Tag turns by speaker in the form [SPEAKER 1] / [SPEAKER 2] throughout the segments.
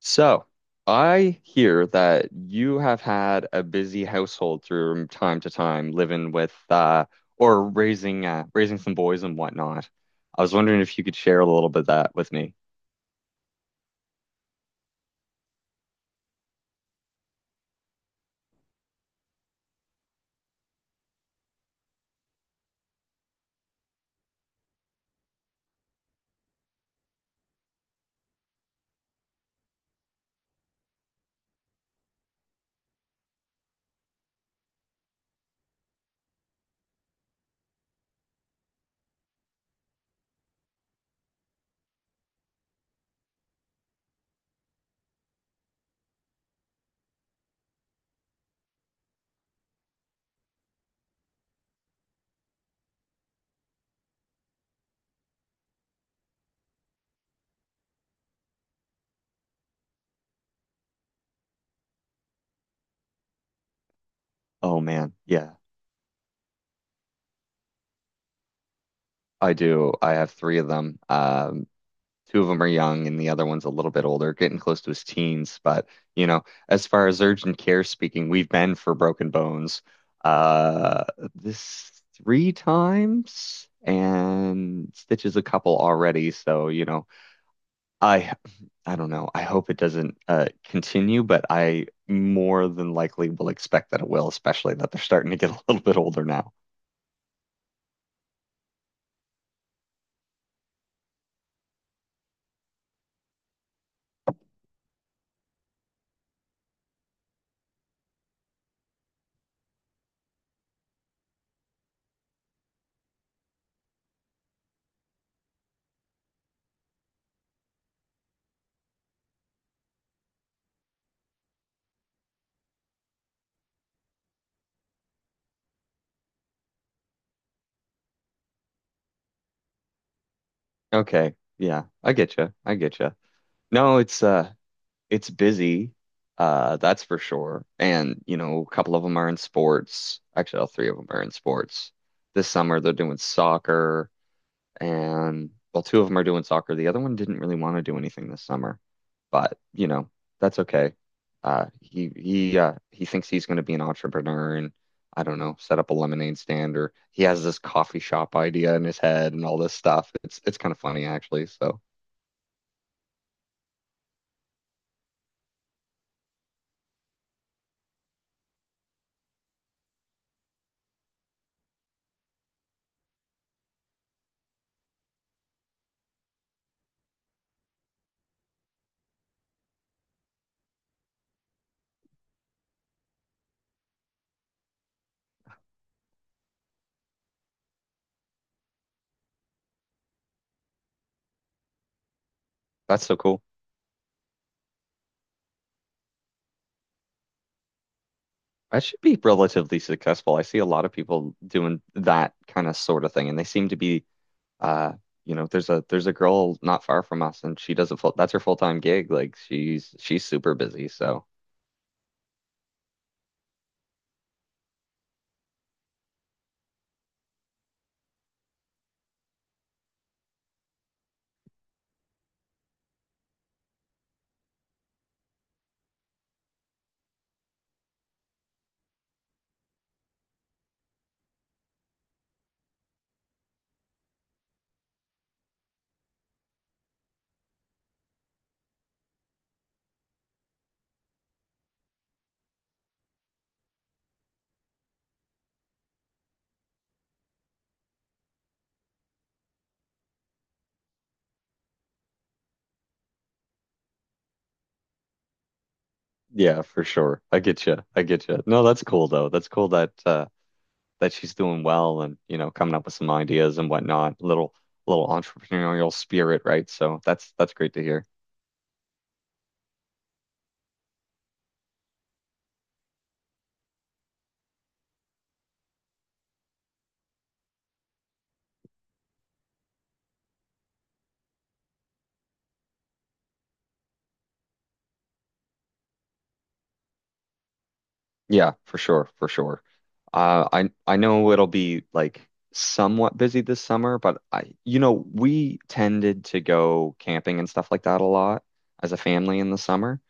[SPEAKER 1] So, I hear that you have had a busy household through time to time, living with or raising raising some boys and whatnot. I was wondering if you could share a little bit of that with me. Oh man, yeah, I do. I have three of them. Two of them are young and the other one's a little bit older, getting close to his teens. But, you know, as far as urgent care speaking, we've been for broken bones uh this three times and stitches a couple already. So, you know, I I don't know. I hope it doesn't continue, but I more than likely will expect that it will, especially that they're starting to get a little bit older now. Okay. Yeah, I get you. I get you. No, it's busy, that's for sure. And, you know, a couple of them are in sports. Actually, all three of them are in sports. This summer they're doing soccer and well, two of them are doing soccer. The other one didn't really want to do anything this summer. But, you know, that's okay. He thinks he's going to be an entrepreneur and I don't know, set up a lemonade stand or he has this coffee shop idea in his head and all this stuff. It's kind of funny actually. So that's so cool. That should be relatively successful. I see a lot of people doing that kind of sort of thing, and they seem to be, uh, you know, there's a girl not far from us, and she does a full that's her full-time gig. Like she's super busy. So yeah, for sure. I get you. I get you. No, that's cool though. That's cool that that she's doing well and you know coming up with some ideas and whatnot. Little entrepreneurial spirit, right? So that's great to hear. Yeah, for sure, for sure. I know it'll be like somewhat busy this summer, but I you know, we tended to go camping and stuff like that a lot as a family in the summer.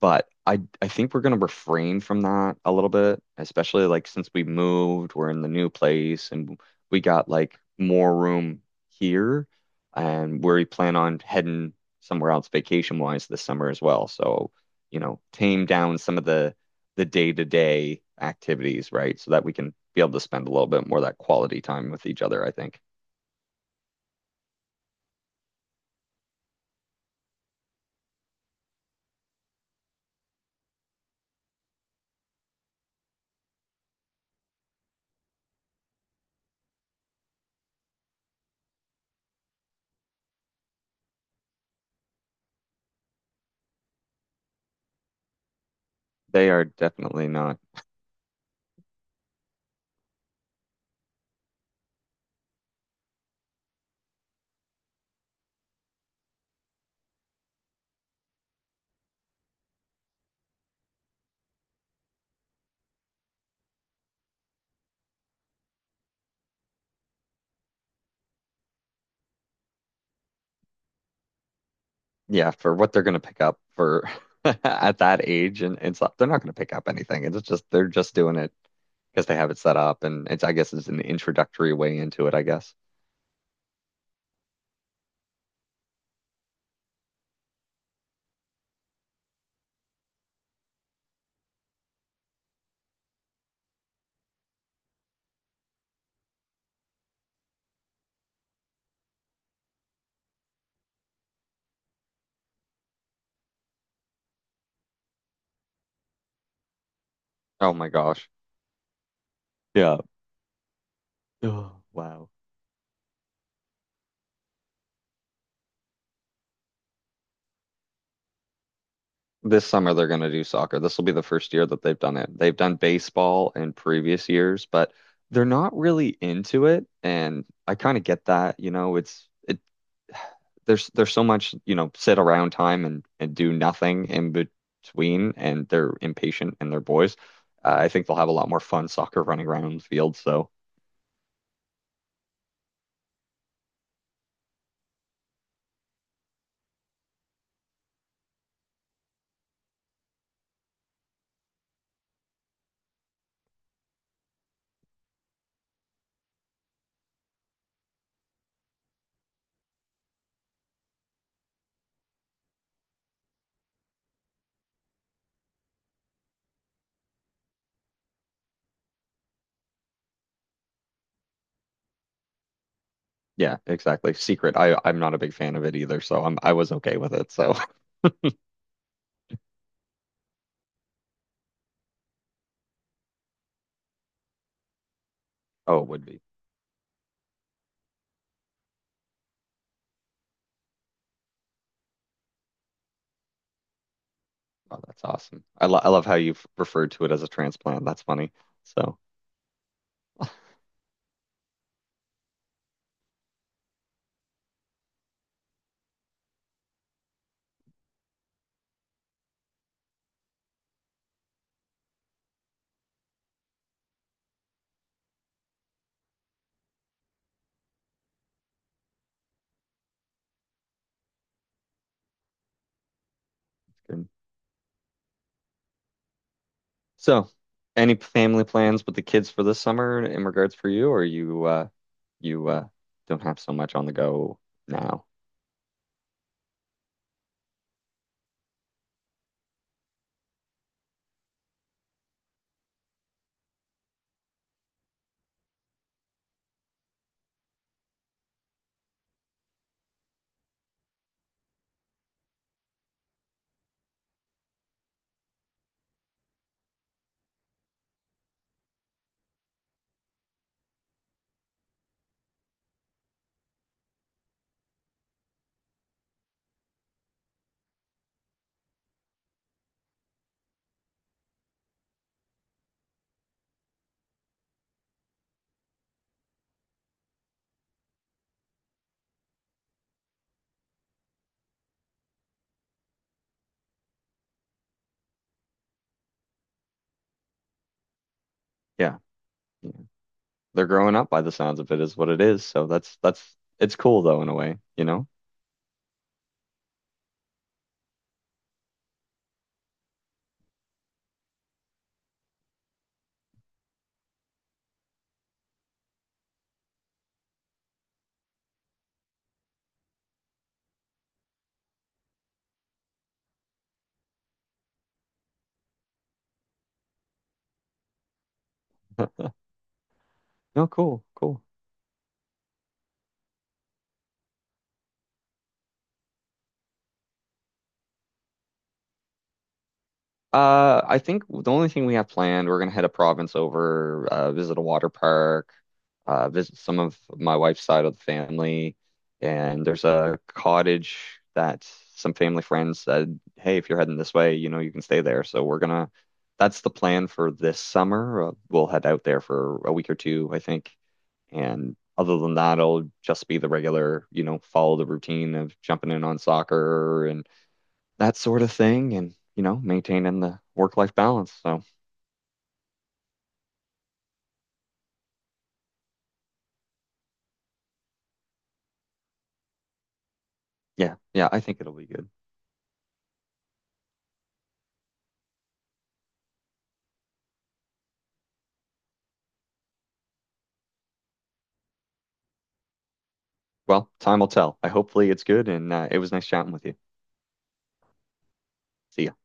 [SPEAKER 1] But I think we're gonna refrain from that a little bit, especially like since we moved, we're in the new place and we got like more room here and where we plan on heading somewhere else vacation wise this summer as well. So, you know, tame down some of the day-to-day activities, right? So that we can be able to spend a little bit more of that quality time with each other, I think. They are definitely not yeah, for what they're gonna pick up for at that age and stuff, they're not gonna pick up anything. It's just they're just doing it because they have it set up and it's I guess it's an introductory way into it, I guess. Oh my gosh. Yeah. Oh, wow. This summer they're gonna do soccer. This will be the first year that they've done it. They've done baseball in previous years, but they're not really into it. And I kind of get that, you know, it's it there's so much, you know, sit around time and do nothing in between, and they're impatient and they're boys. I think they'll have a lot more fun soccer running around on the field. So yeah, exactly. Secret. I'm not a big fan of it either, so I was okay with it. So oh, it would be. Oh, that's awesome. I love how you've referred to it as a transplant. That's funny. So good. So any family plans with the kids for this summer in regards for you, or you don't have so much on the go now? Yeah. They're growing up by the sounds of it is what it is. So that's it's cool though in a way, you know? No, cool, cool. I think the only thing we have planned, we're gonna head a province over, visit a water park, visit some of my wife's side of the family, and there's a cottage that some family friends said, hey, if you're heading this way, you know, you can stay there. So we're gonna, that's the plan for this summer. We'll head out there for a week or two, I think, and other than that, I'll just be the regular, you know, follow the routine of jumping in on soccer and that sort of thing and, you know, maintaining the work-life balance. So, yeah, yeah, I think it'll be good. Well, time will tell. I hopefully it's good and it was nice chatting with you. See ya.